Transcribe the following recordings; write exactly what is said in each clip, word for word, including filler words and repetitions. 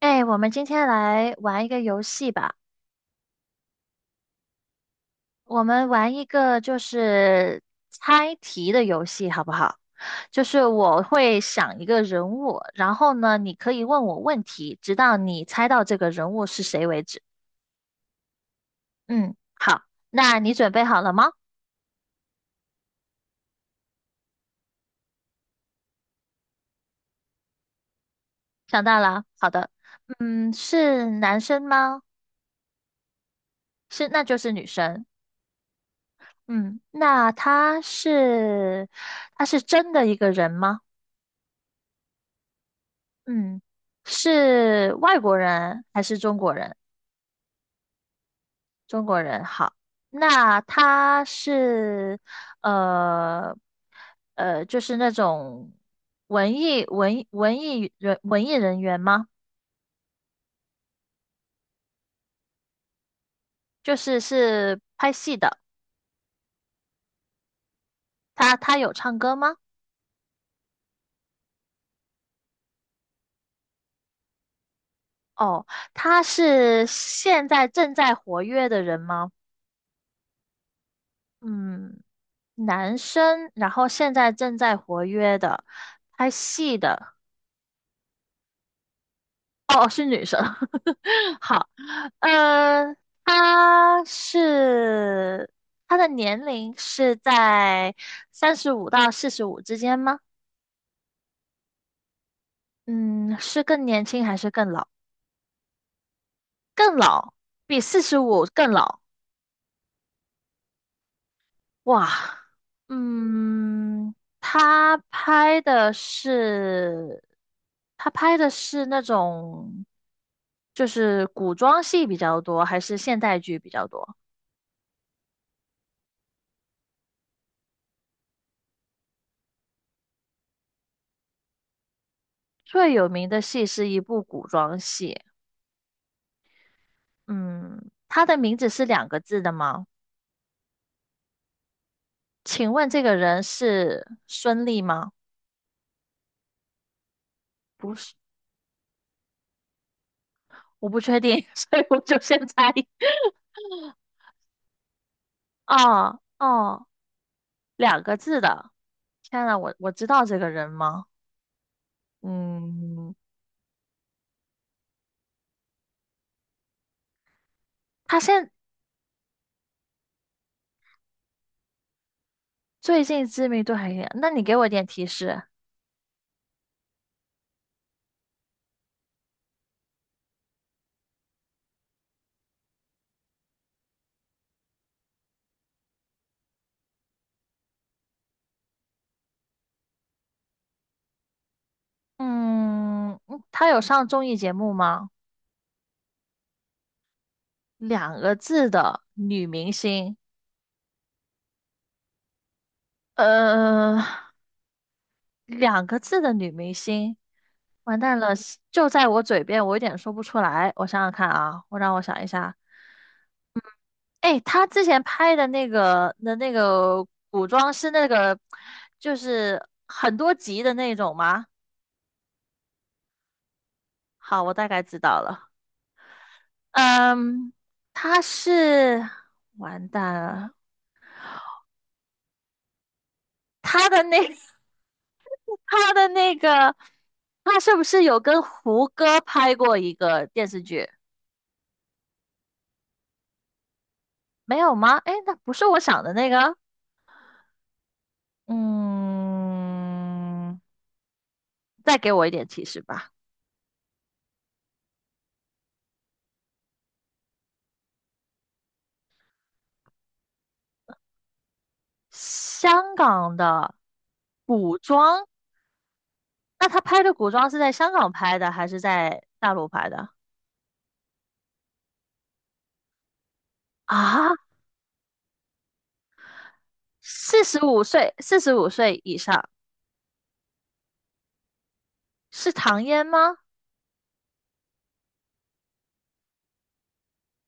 哎，我们今天来玩一个游戏吧。我们玩一个就是猜题的游戏，好不好？就是我会想一个人物，然后呢，你可以问我问题，直到你猜到这个人物是谁为止。嗯，好，那你准备好了吗？想到了，好的。嗯，是男生吗？是，那就是女生。嗯，那他是他是真的一个人吗？嗯，是外国人还是中国人？中国人好，那他是呃呃，就是那种文艺文文艺人文艺人员吗？就是是拍戏的，他他有唱歌吗？哦，他是现在正在活跃的人吗？嗯，男生，然后现在正在活跃的，拍戏的。哦，哦是女生。好，呃，她是她的年龄是在三十五到四十五之间吗？嗯，是更年轻还是更老？更老，比四十五更老。哇，嗯，她拍的是她拍的是那种就是古装戏比较多，还是现代剧比较多？最有名的戏是一部古装戏，嗯，他的名字是两个字的吗？请问这个人是孙俪吗？不是，我不确定，所以我就先猜。哦哦，两个字的，天呐，我我知道这个人吗？嗯，他现最近知名度还行，那你给我点提示。嗯，嗯他有上综艺节目吗？两个字的女明星，呃。两个字的女明星，完蛋了，就在我嘴边，我有点说不出来。我想想看啊，我让我想一下。哎，她之前拍的那个的那个古装是那个，就是很多集的那种吗？好，我大概知道了。嗯，她是完蛋了，她的那 她的那个，她是不是有跟胡歌拍过一个电视剧？没有吗？哎，那不是我想的那个。嗯，再给我一点提示吧。香港的古装，那他拍的古装是在香港拍的还是在大陆拍的？啊，四十五岁，四十五岁以上是唐嫣吗？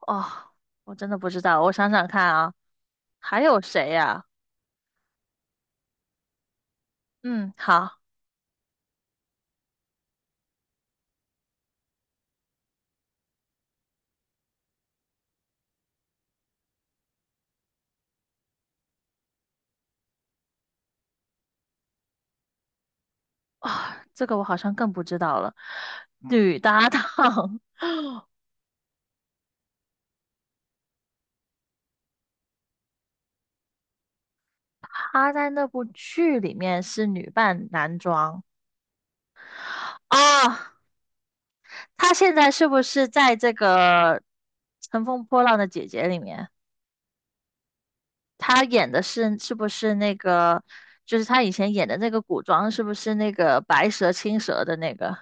哦，我真的不知道，我想想看啊，还有谁呀、嗯，好啊，这个我好像更不知道了。女搭档，她在那部剧里面是女扮男装啊，她现在是不是在这个《乘风破浪的姐姐》里面？她演的是是不是那个？就是她以前演的那个古装，是不是那个白蛇青蛇的那个？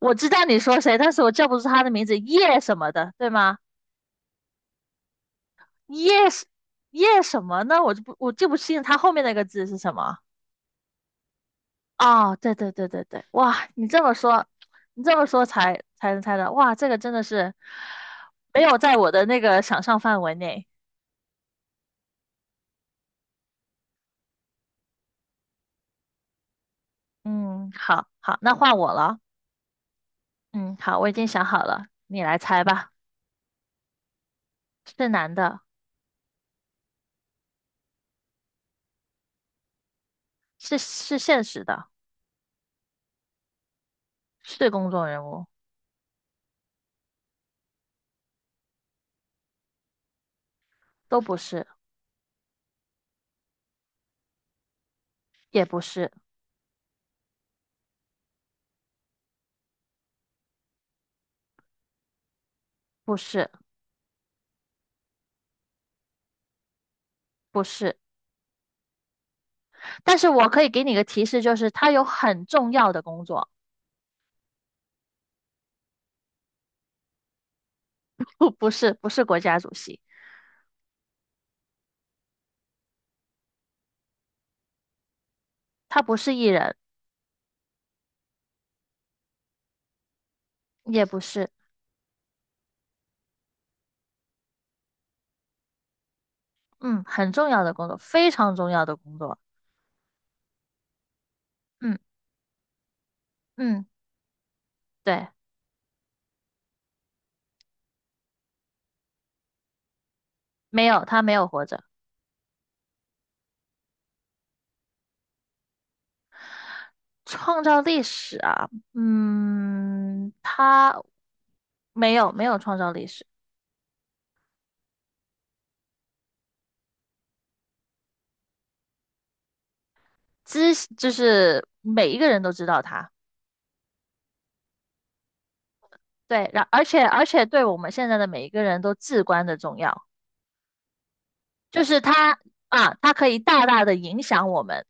我知道你说谁，但是我叫不出她的名字，叶什么的，对吗？叶什叶什么呢？我就不我记不清她后面那个字是什么。哦，对对对对对，哇，你这么说，你这么说才才能猜到，哇，这个真的是没有在我的那个想象范围内。嗯，好好，那换我了。嗯，好，我已经想好了，你来猜吧。是男的，是是现实的，是公众人物，都不是，也不是，不是，不是。但是我可以给你个提示，就是他有很重要的工作，不不是不是国家主席，他不是艺人，也不是。嗯，很重要的工作，非常重要的工作。嗯嗯，对，没有，他没有活着，创造历史啊，嗯，他没有没有创造历史，知就是每一个人都知道他，对，然而且而且对我们现在的每一个人都至关的重要，就是他啊，他可以大大的影响我们，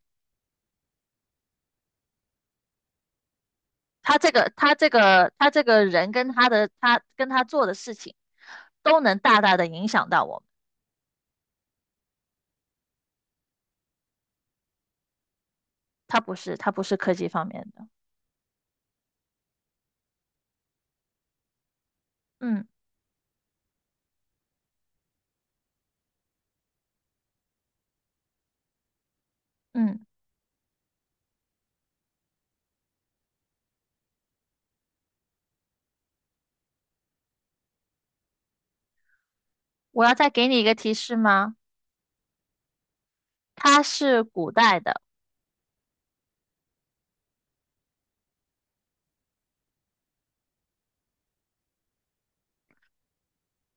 他这个他这个他这个人跟他的他跟他做的事情，都能大大的影响到我们。它不是，它不是科技方面的。嗯嗯，我要再给你一个提示吗？它是古代的，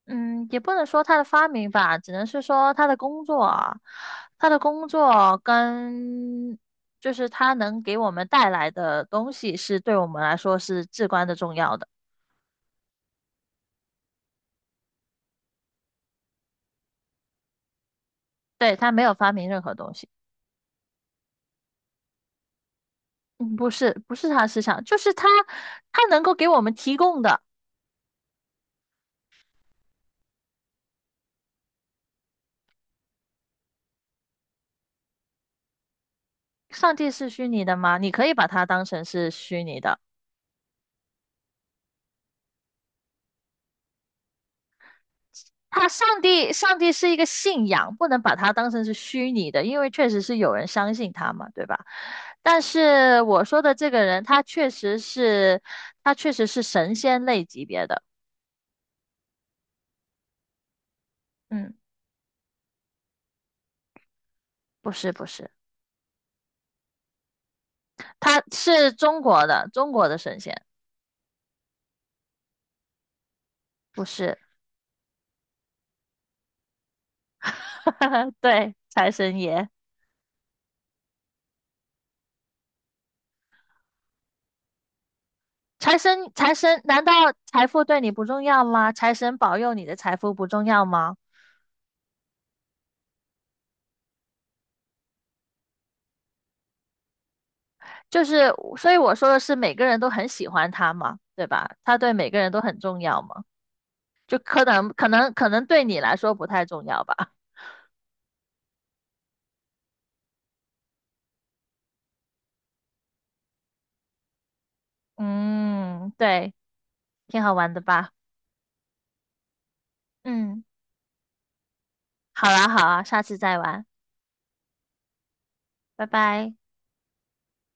嗯，也不能说它的发明吧，只能是说它的工作啊，它的工作跟就是它能给我们带来的东西，是对我们来说是至关的重要的。对，它没有发明任何东西，嗯，不是，不是它思想，就是它，它能够给我们提供的。上帝是虚拟的吗？你可以把它当成是虚拟的。他上帝，上帝是一个信仰，不能把它当成是虚拟的，因为确实是有人相信他嘛，对吧？但是我说的这个人，他确实是，他确实是神仙类级别的，嗯，不是不是，他是中国的，中国的神仙，不是，对，财神爷，财神财神，难道财富对你不重要吗？财神保佑你的财富不重要吗？就是，所以我说的是每个人都很喜欢他嘛，对吧？他对每个人都很重要嘛，就可能可能可能对你来说不太重要吧。嗯，对，挺好玩的吧？嗯，好啦好啊，下次再玩，拜拜。